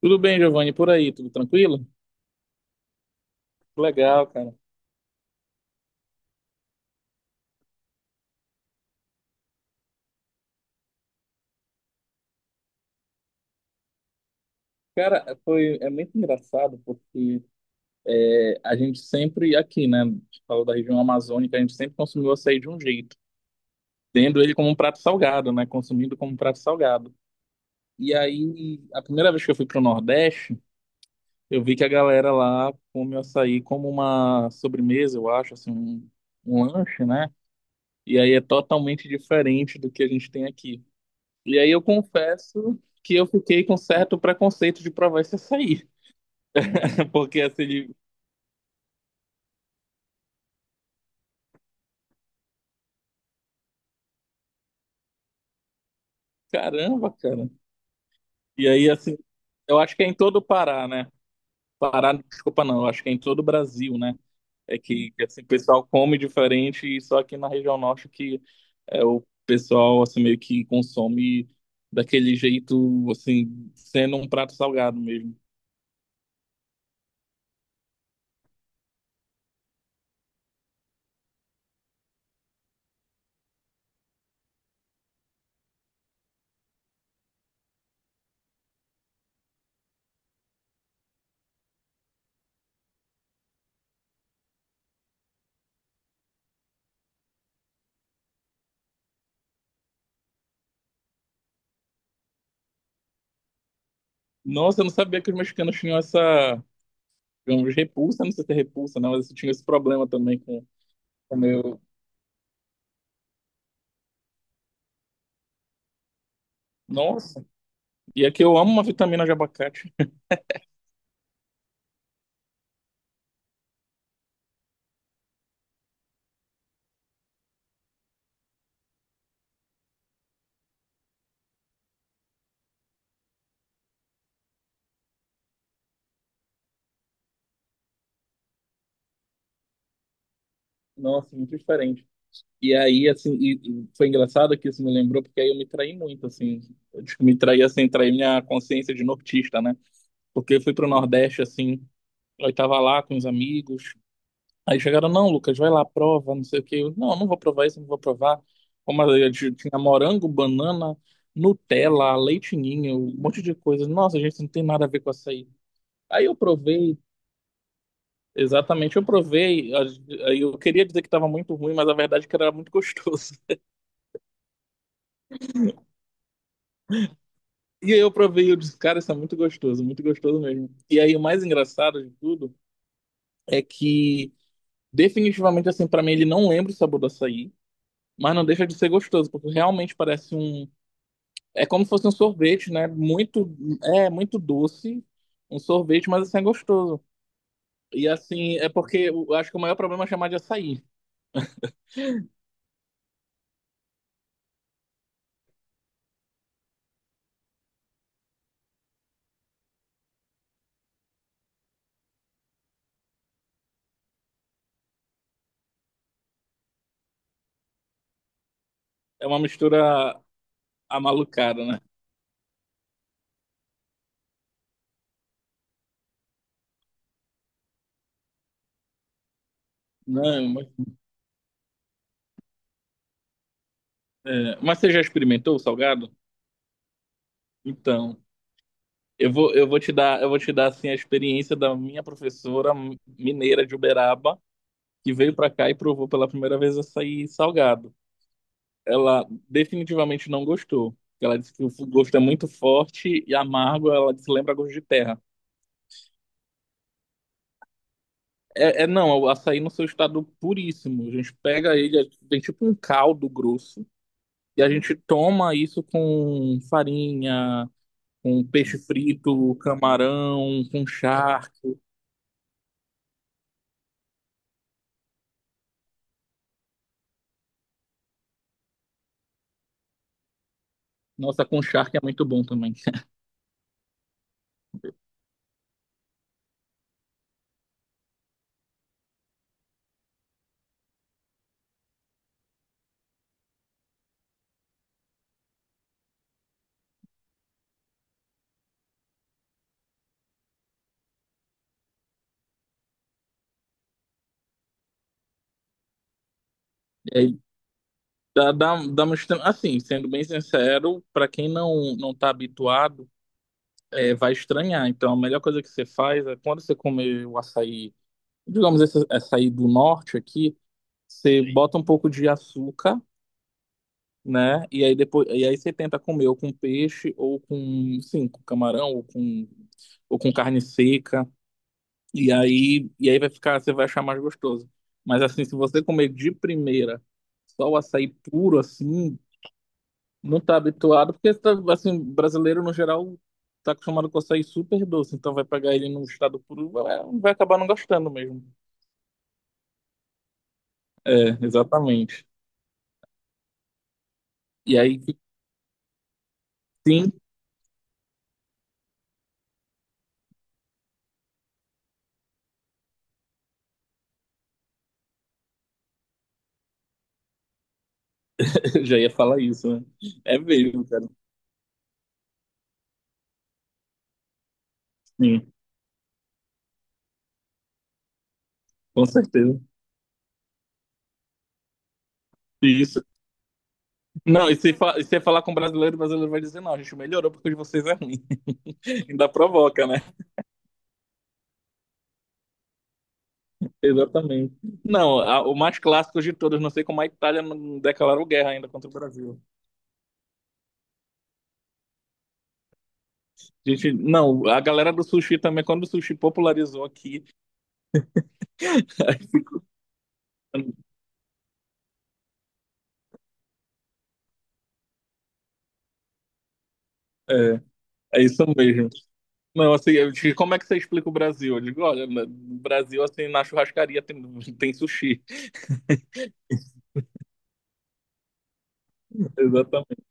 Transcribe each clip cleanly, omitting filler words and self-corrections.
Tudo bem, Giovanni, por aí, tudo tranquilo? Legal, cara. Cara, foi, muito engraçado porque a gente sempre, aqui, né, a gente falou da região amazônica, a gente sempre consumiu açaí de um jeito, tendo ele como um prato salgado, né, consumindo como um prato salgado. E aí, a primeira vez que eu fui pro Nordeste, eu vi que a galera lá come o açaí como uma sobremesa, eu acho, assim, um lanche, né? E aí é totalmente diferente do que a gente tem aqui. E aí eu confesso que eu fiquei com certo preconceito de provar esse açaí. Porque assim, de, caramba, cara. E aí, assim, eu acho que é em todo o Pará, né? Pará, desculpa, não, eu acho que é em todo o Brasil, né? É assim, o pessoal come diferente e só aqui na região norte que o pessoal, assim, meio que consome daquele jeito, assim, sendo um prato salgado mesmo. Nossa, eu não sabia que os mexicanos tinham essa, digamos, repulsa, não sei se é repulsa, né? Mas eles tinham esse problema também com meu, Nossa, e é que eu amo uma vitamina de abacate. Nossa, muito diferente. E aí, assim, e foi engraçado que isso me lembrou, porque aí eu me traí muito, assim. Eu acho que me traí, assim, traí minha consciência de nortista, né? Porque eu fui pro Nordeste, assim, eu tava lá com os amigos. Aí chegaram, não, Lucas, vai lá, prova, não sei o quê. Eu, não, não vou provar isso, não vou provar. Como eu tinha morango, banana, Nutella, leite ninho, um monte de coisa. Nossa, gente, isso não tem nada a ver com açaí. Aí eu provei, exatamente, eu provei, eu queria dizer que estava muito ruim, mas a verdade é que era muito gostoso. E aí eu provei e eu disse, cara, isso é muito gostoso mesmo. E aí o mais engraçado de tudo é que definitivamente assim, para mim ele não lembra o sabor do açaí, mas não deixa de ser gostoso, porque realmente parece um, é como se fosse um sorvete, né? Muito, é muito doce, um sorvete, mas assim é gostoso. E assim, é porque eu acho que o maior problema é chamar de açaí. É uma mistura amalucada, né? Não, é, mas você já experimentou o salgado? Então, eu vou te dar, eu vou te dar assim a experiência da minha professora mineira de Uberaba, que veio para cá e provou pela primeira vez açaí salgado. Ela definitivamente não gostou. Ela disse que o gosto é muito forte e amargo, ela disse lembra gosto de terra. É, não, é o açaí no seu estado puríssimo. A gente pega ele, tem tipo um caldo grosso, e a gente toma isso com farinha, com peixe frito, camarão, com charque. Nossa, com charque é muito bom também. E aí dá uma assim, sendo bem sincero, para quem não tá habituado, é, vai estranhar. Então, a melhor coisa que você faz é quando você comer o açaí, digamos esse açaí do norte aqui, você Sim. bota um pouco de açúcar, né? E aí você tenta comer ou com peixe ou com, sim, com camarão ou com carne seca. E aí vai ficar, você vai achar mais gostoso. Mas assim, se você comer de primeira só o açaí puro, assim, não tá habituado, porque tá, assim, brasileiro no geral tá acostumado com açaí super doce, então vai pegar ele num estado puro, vai acabar não gostando mesmo. É, exatamente. E aí, sim, já ia falar isso, né? É mesmo, cara. Sim, com certeza. Isso. Não, e se, fa- e se falar com brasileiro, o brasileiro vai dizer, não, a gente melhorou porque o de vocês é ruim. Ainda provoca, né? Exatamente. Não, o mais clássico de todos, não sei como a Itália não declarou guerra ainda contra o Brasil. Gente, não, a galera do sushi também, quando o sushi popularizou aqui, aí fica- é, é isso mesmo. Não, assim, eu digo, como é que você explica o Brasil? Eu digo, olha, no Brasil, assim, tem sushi. Exatamente.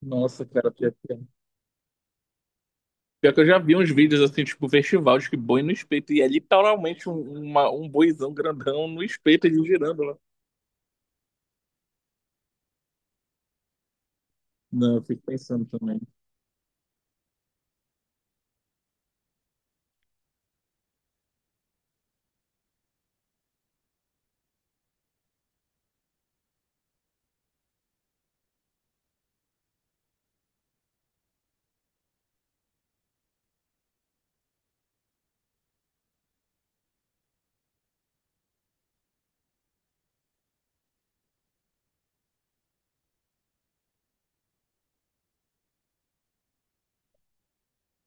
Nossa, cara, pior que, é. Pior que eu já vi uns vídeos, assim, tipo, festival de que boi no espeto, e é literalmente um boizão grandão no espeto, ele girando lá. Não, eu fico pensando também.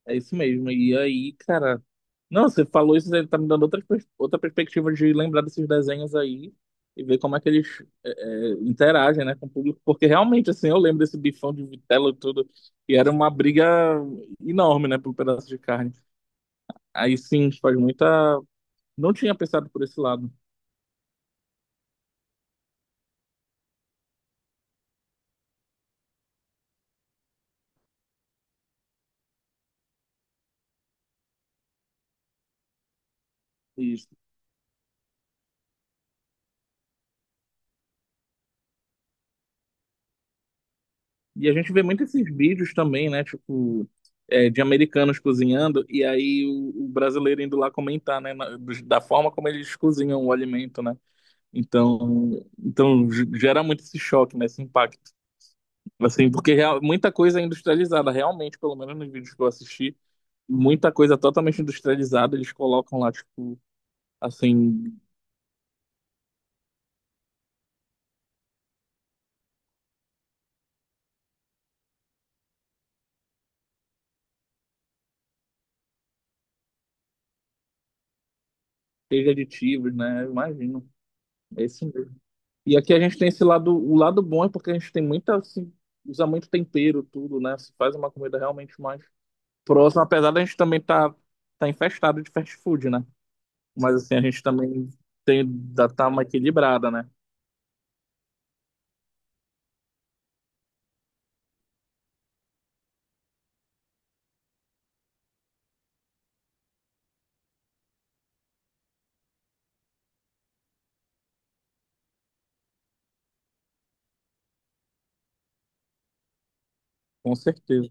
É isso mesmo. E aí, cara. Não, você falou isso, ele tá me dando outra perspectiva de lembrar desses desenhos aí e ver como é que eles interagem, né, com o público. Porque realmente, assim, eu lembro desse bifão de vitela e tudo, e era uma briga enorme, né, por um pedaço de carne. Aí sim, faz muita. Não tinha pensado por esse lado. E a gente vê muito esses vídeos também, né? Tipo, é, de americanos cozinhando, e aí o brasileiro indo lá comentar, né? Da forma como eles cozinham o alimento, né? Então, gera muito esse choque, né? Esse impacto. Assim, porque muita coisa é industrializada, realmente, pelo menos nos vídeos que eu assisti, muita coisa totalmente industrializada, eles colocam lá, tipo, assim, cheio de aditivos, né? Eu imagino. É isso mesmo. E aqui a gente tem esse lado, o lado bom é porque a gente tem muita, assim, usa muito tempero, tudo, né? Se faz uma comida realmente mais próxima, apesar da gente também tá, tá infestado de fast food, né? Mas assim, a gente também tem, dá, tá uma equilibrada, né? Com certeza.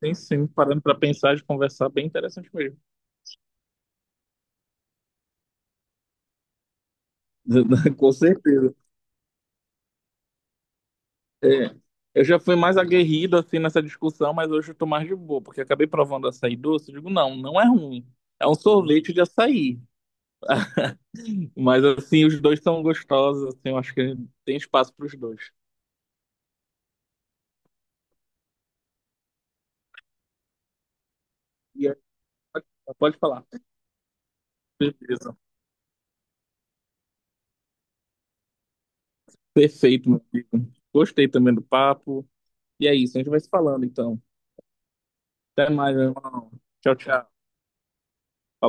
Tem sim, parando pra pensar e conversar, bem interessante mesmo. Com certeza. É. Eu já fui mais aguerrido, assim, nessa discussão, mas hoje eu tô mais de boa, porque acabei provando açaí doce, eu digo, não, não é ruim. É um sorvete de açaí. Mas assim, os dois são gostosos, assim, eu acho que tem espaço para os dois. E aí, pode, pode falar. Beleza. Perfeito, meu amigo. Gostei também do papo. E é isso, a gente vai se falando então. Até mais, meu irmão. Tchau, tchau. Falou.